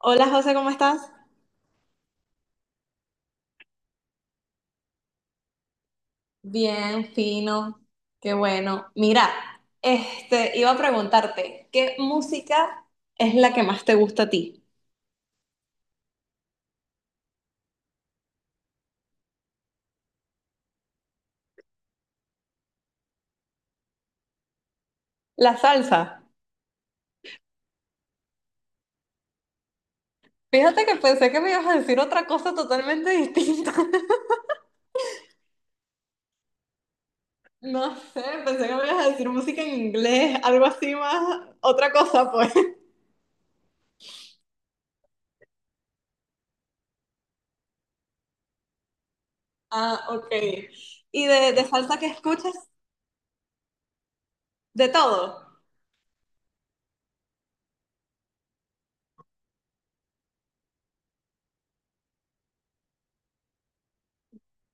Hola José, ¿cómo estás? Bien, fino, qué bueno. Mira, iba a preguntarte, ¿qué música es la que más te gusta a ti? La salsa. Fíjate que pensé que me ibas a decir otra cosa totalmente distinta. No sé, pensé que me ibas a decir música en inglés, algo así más, otra cosa pues. Ah, ok. ¿Y de salsa qué escuchas? ¿De todo?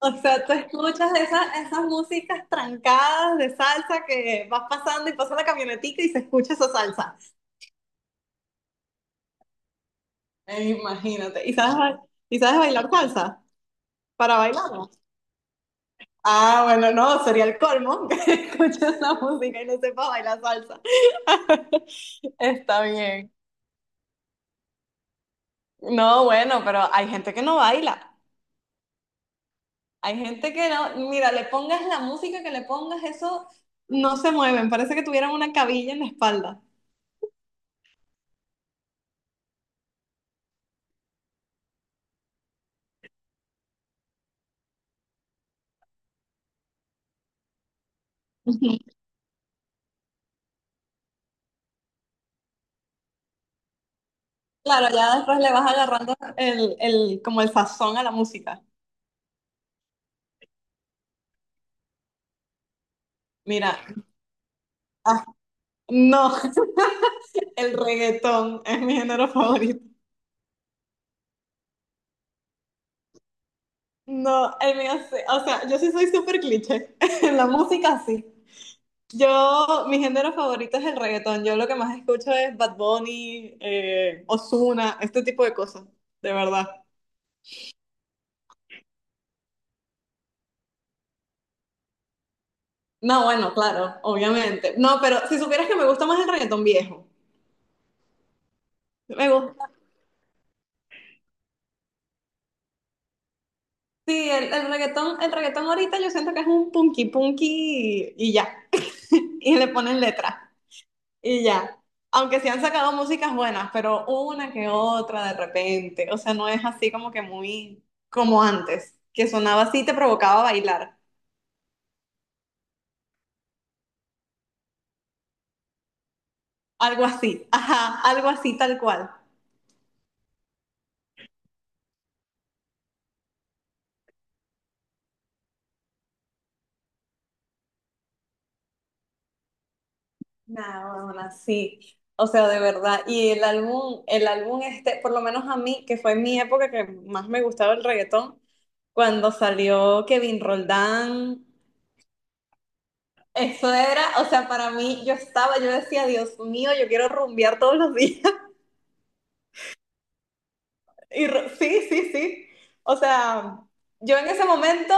O sea, tú escuchas esas, esas músicas trancadas de salsa que vas pasando y pasa la camionetica y se escucha esa salsa. Imagínate. ¿Y sabes, y sabes bailar salsa? ¿Para bailarla? Ah, bueno, no, sería el colmo que escuches la música y no sepas bailar salsa. Está bien. No, bueno, pero hay gente que no baila. Hay gente que no, mira, le pongas la música que le pongas, eso no se mueven. Parece que tuvieran una cabilla en la espalda. Claro, ya después le vas agarrando como el sazón a la música. Mira, ah, no, el reggaetón es mi género favorito. No, el mío, sí, o sea, yo sí soy súper cliché. En la música sí. Yo, mi género favorito es el reggaetón. Yo lo que más escucho es Bad Bunny, Ozuna, este tipo de cosas, de verdad. No, bueno, claro, obviamente. No, pero si supieras que me gusta más el reggaetón viejo. Me gusta sí, el reggaetón, el reggaetón ahorita yo siento que es un punky punky y ya. Y le ponen letra y ya. Aunque sí han sacado músicas buenas, pero una que otra de repente. O sea, no es así como que muy como antes, que sonaba así, y te provocaba bailar. Algo así, ajá, algo así tal cual. Nada, bueno, sí. O sea, de verdad. Y el álbum este, por lo menos a mí, que fue mi época que más me gustaba el reggaetón, cuando salió Kevin Roldán, eso era, o sea, para mí yo estaba, yo decía, Dios mío, yo quiero rumbear todos los días. Y sí, sí, sí. O sea, yo en ese momento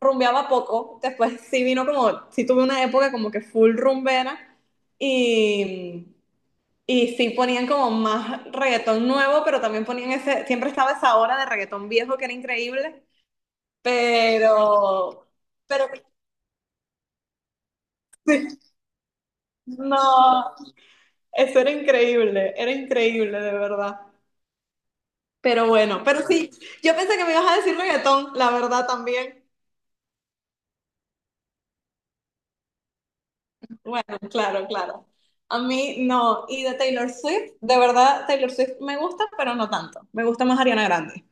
rumbeaba poco, después sí vino como, sí tuve una época como que full rumbera. Y y sí ponían como más reggaetón nuevo, pero también ponían ese, siempre estaba esa hora de reggaetón viejo que era increíble, pero, pero sí, no, eso era increíble de verdad. Pero bueno, pero sí, yo pensé que me ibas a decir reggaetón, la verdad también. Bueno, claro, claro. A mí no, y de Taylor Swift, de verdad Taylor Swift me gusta, pero no tanto. Me gusta más Ariana Grande.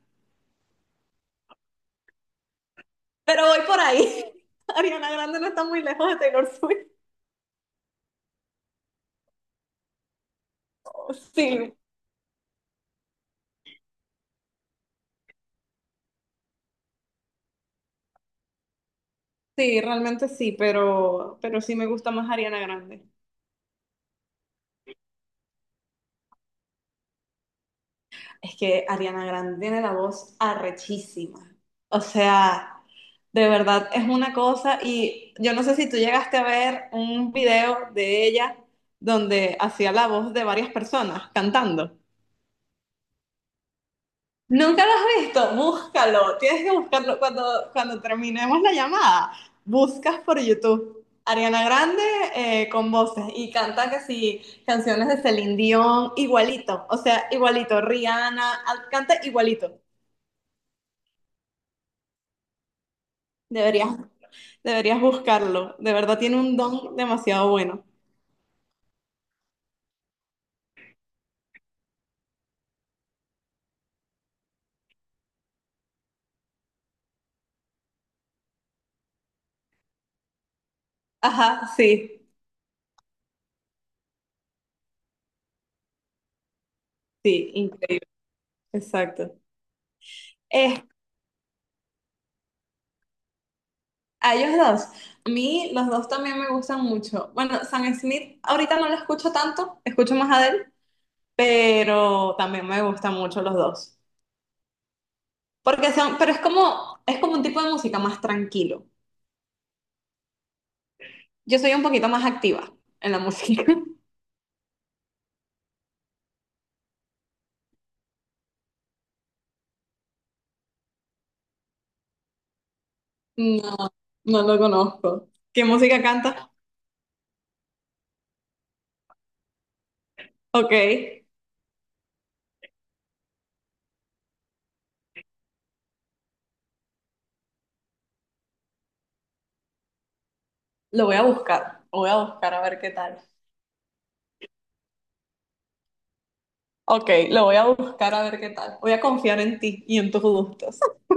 Pero voy por ahí. Ariana Grande no está muy lejos de Taylor Swift. Sí, sí, realmente sí, pero sí me gusta más Ariana Grande. Es que Ariana Grande tiene la voz arrechísima. O sea, de verdad es una cosa y yo no sé si tú llegaste a ver un video de ella donde hacía la voz de varias personas cantando. ¿Nunca lo has visto? Búscalo. Tienes que buscarlo cuando terminemos la llamada. Buscas por YouTube. Ariana Grande con voces y canta que sí, canciones de Celine Dion, igualito, o sea, igualito, Rihanna, canta igualito. Deberías, deberías buscarlo, de verdad tiene un don demasiado bueno. Ajá, sí, sí, increíble, exacto. Este, a ellos dos. A mí los dos también me gustan mucho. Bueno, Sam Smith ahorita no lo escucho tanto, escucho más a Adele, pero también me gustan mucho los dos. Porque son, pero es como un tipo de música más tranquilo. Yo soy un poquito más activa en la música. No, no lo conozco. ¿Qué música canta? Ok, lo voy a buscar. Lo voy a buscar a ver qué tal. Ok, lo voy a buscar a ver qué tal. Voy a confiar en ti y en tus gustos.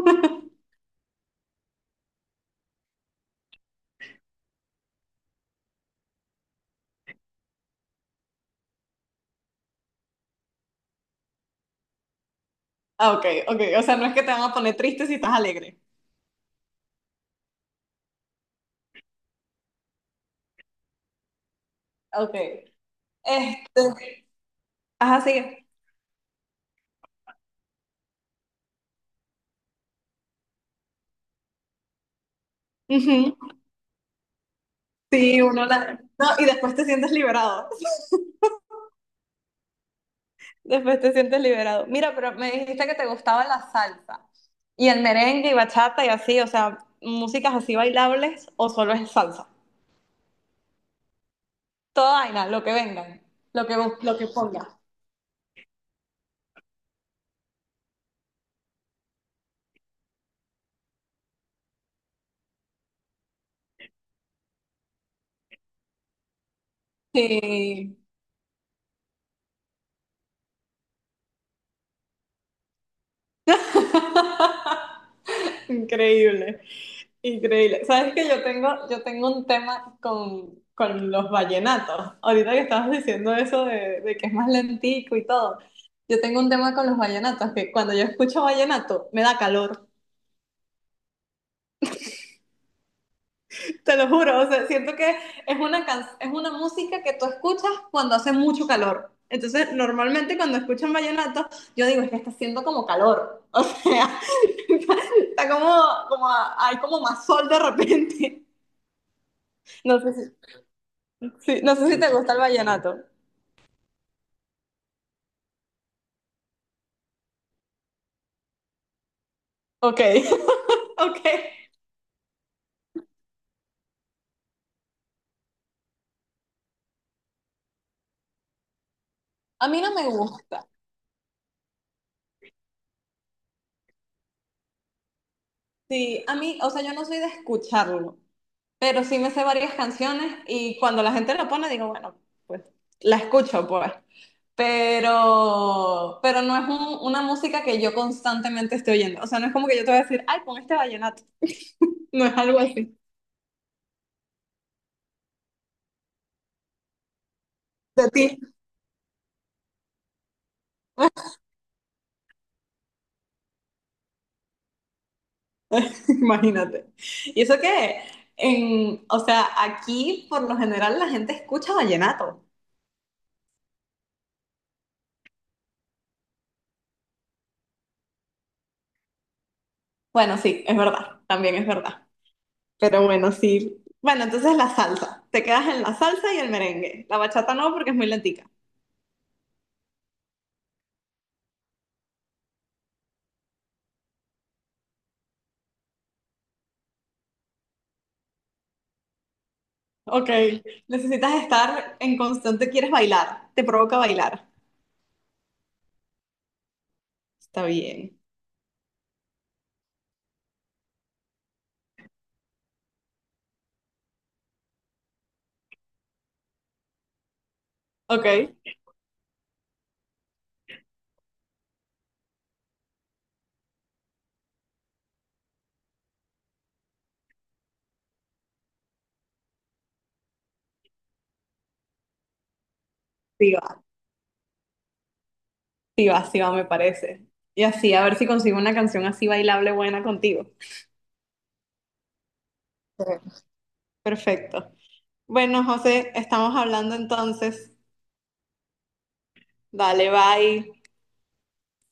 Ah, ok, ok. O sea, no es que te van a poner triste si estás alegre. Ok. Este, ajá, sigue. Ujú. Sí, uno la... No, y después te sientes liberado. Después te sientes liberado. Mira, pero me dijiste que te gustaba la salsa y el merengue y bachata y así, o sea, músicas así bailables o solo es salsa. Toda vaina, lo que vengan, lo que ponga. Sí. Increíble. Increíble. Sabes que yo tengo un tema con los vallenatos. Ahorita que estabas diciendo eso de que es más lentico y todo. Yo tengo un tema con los vallenatos, que cuando yo escucho vallenato me da calor. Te lo juro. O sea, siento que es una es una música que tú escuchas cuando hace mucho calor. Entonces, normalmente cuando escuchan vallenato, yo digo, es que está haciendo como calor. O sea, está como, como, hay como más sol de repente. No sé si, sí, no sé si te gusta el vallenato. Ok. Ok. A mí no me gusta. Sí, a mí, o sea, yo no soy de escucharlo, pero sí me sé varias canciones y cuando la gente lo pone digo, bueno, pues la escucho, pues. Pero no es una música que yo constantemente esté oyendo. O sea, no es como que yo te voy a decir, ay, pon este vallenato. No es algo así. De ti, imagínate. Y eso que, en, o sea, aquí por lo general la gente escucha vallenato. Bueno, sí, es verdad, también es verdad. Pero bueno, sí. Bueno, entonces la salsa. Te quedas en la salsa y el merengue. La bachata no, porque es muy lentica. Ok. Necesitas estar en constante, quieres bailar. Te provoca bailar. Está bien. Ok. Sí va, sí va, sí va, me parece. Y así, a ver si consigo una canción así bailable buena contigo. Sí. Perfecto. Bueno, José, estamos hablando entonces. Dale, bye.